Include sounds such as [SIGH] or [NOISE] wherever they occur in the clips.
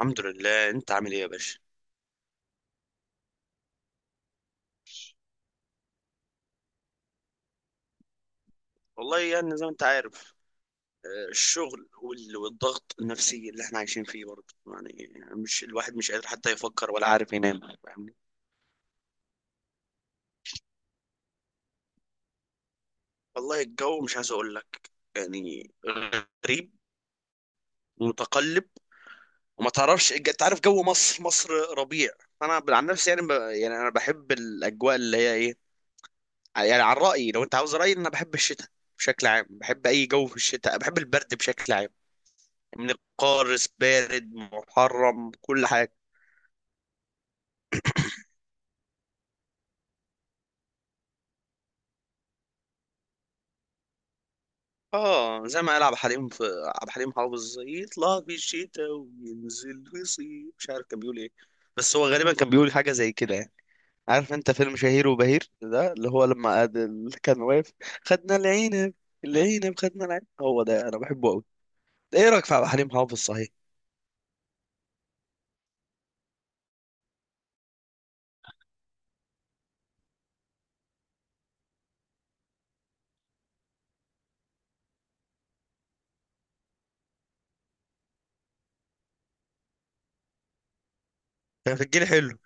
الحمد لله. انت عامل ايه يا باشا؟ والله يعني زي ما انت عارف. الشغل والضغط النفسي اللي احنا عايشين فيه برضه يعني مش الواحد مش قادر حتى يفكر ولا عارف ينام فاهمني. والله الجو مش عايز اقول لك، يعني غريب ومتقلب. وما تعرفش، انت عارف جو مصر، مصر ربيع. انا عن نفسي يعني يعني انا بحب الاجواء اللي هي ايه. يعني عن رأيي، لو انت عاوز رأيي، انا بحب الشتاء بشكل عام، بحب اي جو في الشتاء، بحب البرد بشكل عام. من القارس بارد محرم كل حاجة. اه زي ما قال عبد الحليم في، عبد الحليم حافظ يطلع في الشتاء وينزل في الصيف، مش عارف كان بيقول ايه، بس هو غالبا كان بيقول حاجة زي كده يعني. عارف انت فيلم شهير وبهير ده اللي هو لما اللي كان واقف؟ خدنا العنب، العنب، خدنا العنب، هو ده انا بحبه قوي. ايه رأيك في عبد الحليم حافظ صحيح؟ كان في الجيل حلو.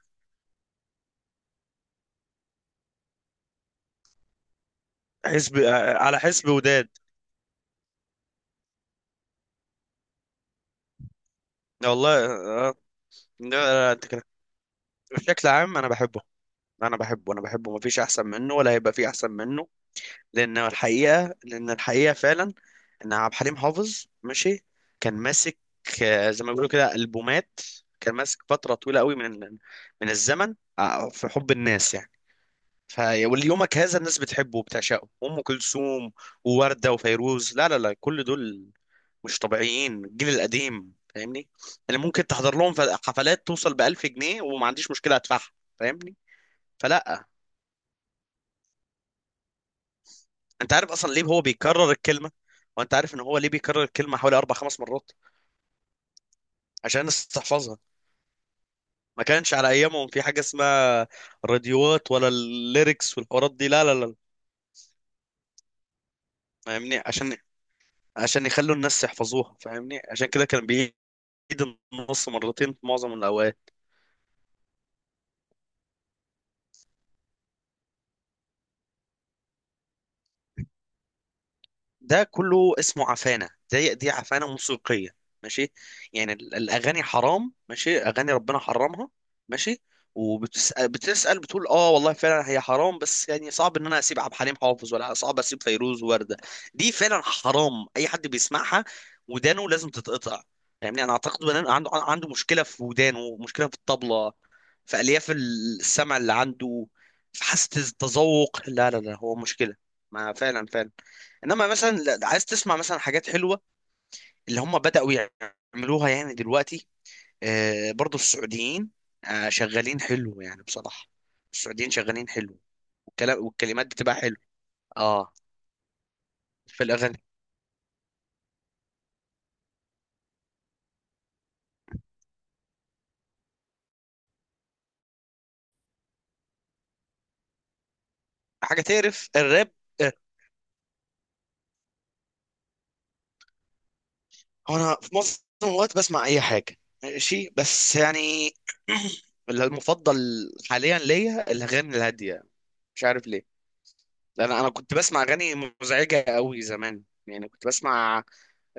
حسب، على حسب وداد. والله آه. لا، لا، انت كده. بشكل عام انا بحبه، انا بحبه، انا بحبه، مفيش احسن منه ولا هيبقى فيه احسن منه. لان الحقيقه فعلا ان عبد الحليم حافظ ماشي، كان ماسك، زي ما بيقولوا كده البومات. كان ماسك فتره طويله قوي من الزمن، في حب الناس يعني. ف وليومك هذا الناس بتحبه وبتعشقه. ام كلثوم ووردة وفيروز، لا لا لا، كل دول مش طبيعيين. الجيل القديم فاهمني، اللي ممكن تحضر لهم حفلات توصل ب 1000 جنيه وما عنديش مشكله ادفعها فاهمني. فلا. انت عارف اصلا ليه هو بيكرر الكلمه؟ وانت عارف ان هو ليه بيكرر الكلمه حوالي اربع خمس مرات؟ عشان الناس تحفظها. ما كانش على ايامهم في حاجه اسمها راديوات ولا الليركس والحوارات دي، لا لا لا فاهمني. عشان يخلوا الناس يحفظوها فاهمني، عشان كده كان بيعيد النص مرتين في معظم الاوقات. ده كله اسمه عفانة، دي عفانة موسيقية ماشي. يعني الأغاني حرام ماشي، أغاني ربنا حرمها ماشي. وبتسأل بتقول اه والله فعلا هي حرام، بس يعني صعب ان انا اسيب عبد الحليم حافظ ولا صعب اسيب فيروز ووردة. دي فعلا حرام اي حد بيسمعها، ودانه لازم تتقطع. يعني انا اعتقد ان أنا عنده مشكلة في ودانه، مشكلة في الطبلة، في الياف السمع اللي عنده، في حاسة التذوق. لا لا لا، هو مشكلة، ما فعلا فعلا. انما مثلا عايز تسمع مثلا حاجات حلوه اللي هم بداوا يعملوها يعني دلوقتي. برضو السعوديين، شغالين حلو يعني بصراحه. السعوديين شغالين حلو، والكلام والكلمات بتبقى حلو، اه، في الاغاني. حاجه تعرف الراب؟ آه. انا في معظم الوقت بسمع اي حاجه ماشي، بس يعني [CLEARS THROAT] المفضل حاليا ليا الاغاني الهاديه، مش عارف ليه. انا كنت بسمع اغاني مزعجه قوي زمان، يعني كنت بسمع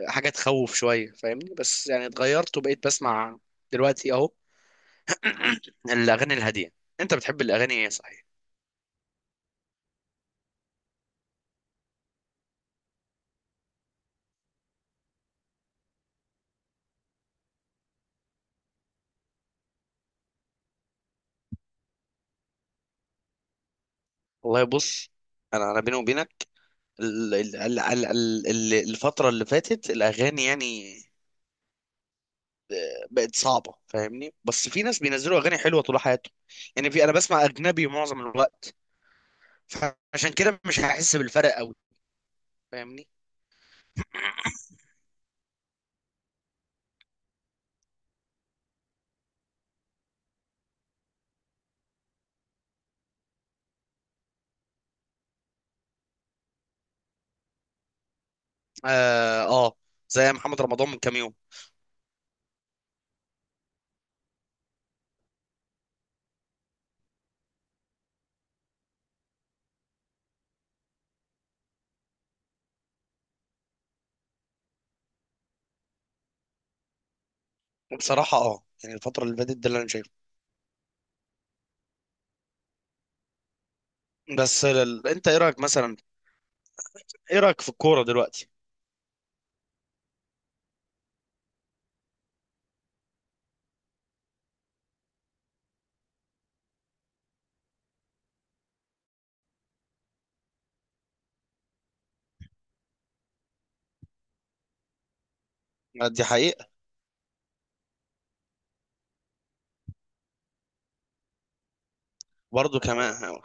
حاجه تخوف شويه فاهمني، بس يعني اتغيرت وبقيت بسمع دلوقتي اهو [CLEARS THROAT] الاغاني الهاديه. انت بتحب الاغاني ايه صحيح؟ والله بص، انا بيني وبينك، الفتره اللي فاتت الاغاني يعني، بقت صعبه فاهمني، بس في ناس بينزلوا اغاني حلوه طول حياتهم. يعني في، انا بسمع اجنبي معظم الوقت، فعشان كده مش هحس بالفرق قوي فاهمني. اه زي محمد رمضان من كام يوم. وبصراحة اه يعني الفترة اللي فاتت ده اللي انا شايفه. بس انت ايه رأيك مثلا؟ ايه رأيك في الكورة دلوقتي؟ آه، دي حقيقة. برضو كمان، آه،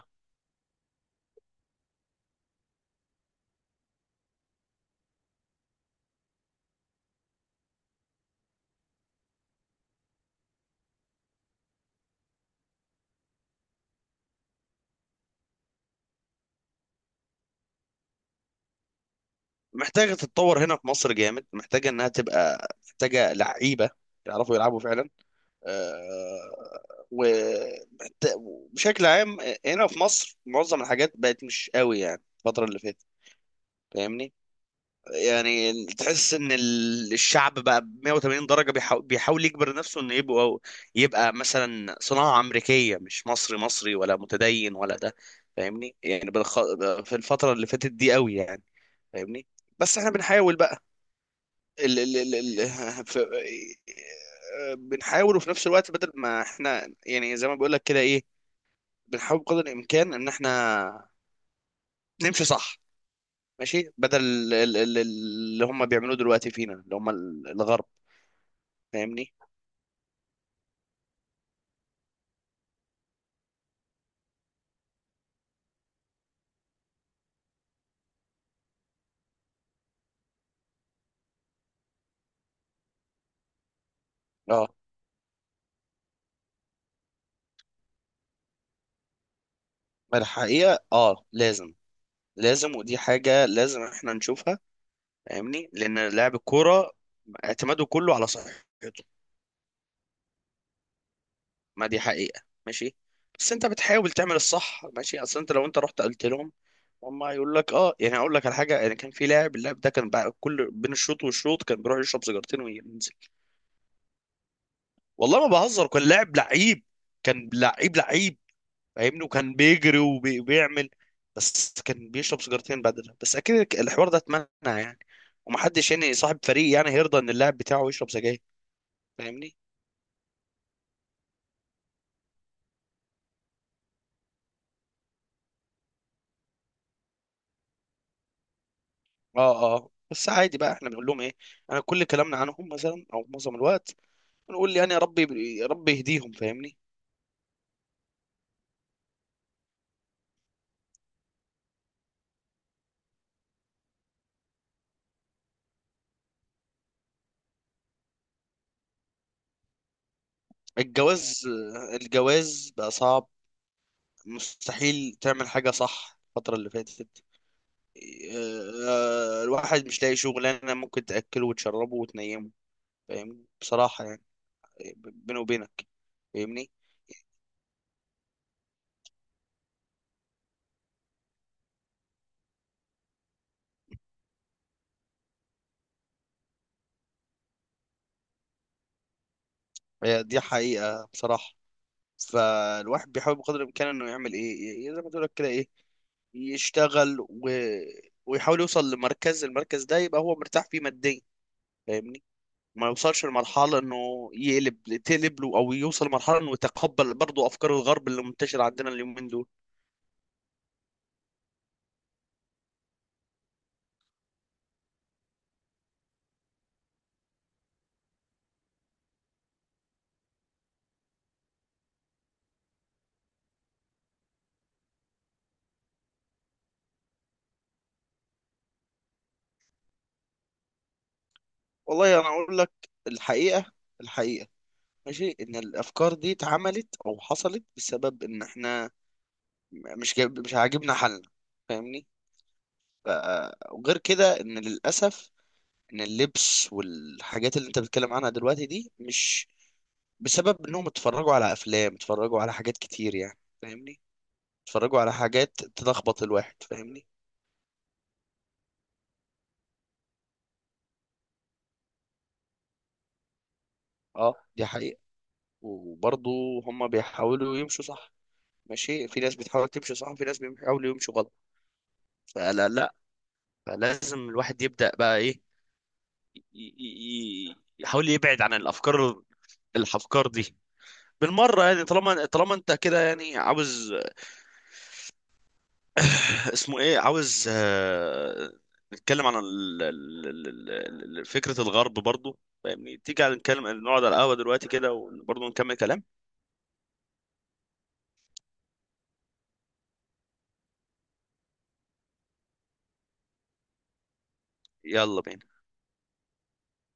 محتاجة تتطور هنا في مصر جامد، محتاجة انها تبقى محتاجة لعيبة يعرفوا يلعبوا فعلا. آه، و وبشكل عام، هنا في مصر معظم الحاجات بقت مش قوي يعني الفترة اللي فاتت فاهمني. يعني تحس ان الشعب بقى ب 180 درجة، بيحاول يجبر نفسه انه يبقى، يبقى مثلا صناعة امريكية، مش مصري، مصري ولا متدين ولا ده فاهمني. يعني في الفترة اللي فاتت دي قوي يعني فاهمني. بس احنا بنحاول بقى ال... ال... ال... ال... [LAUGHS] ف... بنحاول، وفي نفس الوقت بدل ما احنا، يعني زي ما بقول لك كده ايه، بنحاول بقدر الامكان ان احنا نمشي صح ماشي، بدل اللي هم بيعملوه دلوقتي فينا اللي هم الغرب فاهمني. اه، ما الحقيقة اه لازم، لازم، ودي حاجة لازم احنا نشوفها فاهمني، لأن لاعب الكورة اعتماده كله على صحته. ما دي حقيقة ماشي، بس انت بتحاول تعمل الصح ماشي. اصل انت لو انت رحت قلت لهم، هم هيقول لك اه. يعني اقول لك على حاجه، يعني كان في لاعب، اللاعب ده كان بقى كل بين الشوط والشوط كان بيروح يشرب سيجارتين وينزل. والله ما بهزر، كان لاعب لعيب، كان لعيب لعيب فاهمني. وكان بيجري وبيعمل، بس كان بيشرب سيجارتين بعدها. بس اكيد الحوار ده اتمنع يعني، ومحدش يعني صاحب فريق يعني هيرضى ان اللاعب بتاعه يشرب سجاير فاهمني. اه اه، بس عادي بقى احنا بنقول لهم ايه؟ انا كل كلامنا عنهم مثلا او معظم الوقت بنقول يعني يا رب، يا رب يهديهم فاهمني. الجواز، الجواز بقى صعب. مستحيل تعمل حاجة صح الفترة اللي فاتت، آه، الواحد مش لاقي شغلانة ممكن تأكله وتشربه وتنيمه فاهم بصراحة يعني. بيني وبينك فاهمني. هي دي حقيقة بصراحة. فالواحد بيحاول بقدر الإمكان إنه يعمل إيه، زي ما تقول لك كده إيه، يشتغل ويحاول يوصل لمركز، المركز ده يبقى هو مرتاح فيه ماديا فاهمني. ما يوصلش لمرحلة إنه يقلب، تقلب له، أو يوصل لمرحلة إنه يتقبل برضه أفكار الغرب اللي منتشرة عندنا اليومين دول. والله أنا أقول لك الحقيقة، الحقيقة ماشي، إن الأفكار دي اتعملت أو حصلت بسبب إن إحنا مش عاجبنا حالنا فاهمني. وغير كده ان للاسف ان اللبس والحاجات اللي انت بتتكلم عنها دلوقتي دي مش بسبب انهم اتفرجوا على افلام، اتفرجوا على حاجات كتير يعني فاهمني. اتفرجوا على حاجات تلخبط الواحد فاهمني. اه دي حقيقة. وبرضه هم بيحاولوا يمشوا صح ماشي، في ناس بتحاول تمشي صح وفي ناس بيحاولوا يمشوا غلط. فلا لا. فلازم الواحد يبدأ بقى ايه، يحاول يبعد عن الافكار، الافكار دي بالمرة. يعني طالما، طالما انت كده يعني عاوز اسمه ايه، عاوز، نتكلم عن فكرة الغرب برضو فاهمني. تيجي على نتكلم، نقعد على القهوة دلوقتي كده وبرضو نكمل كلام. يلا بينا.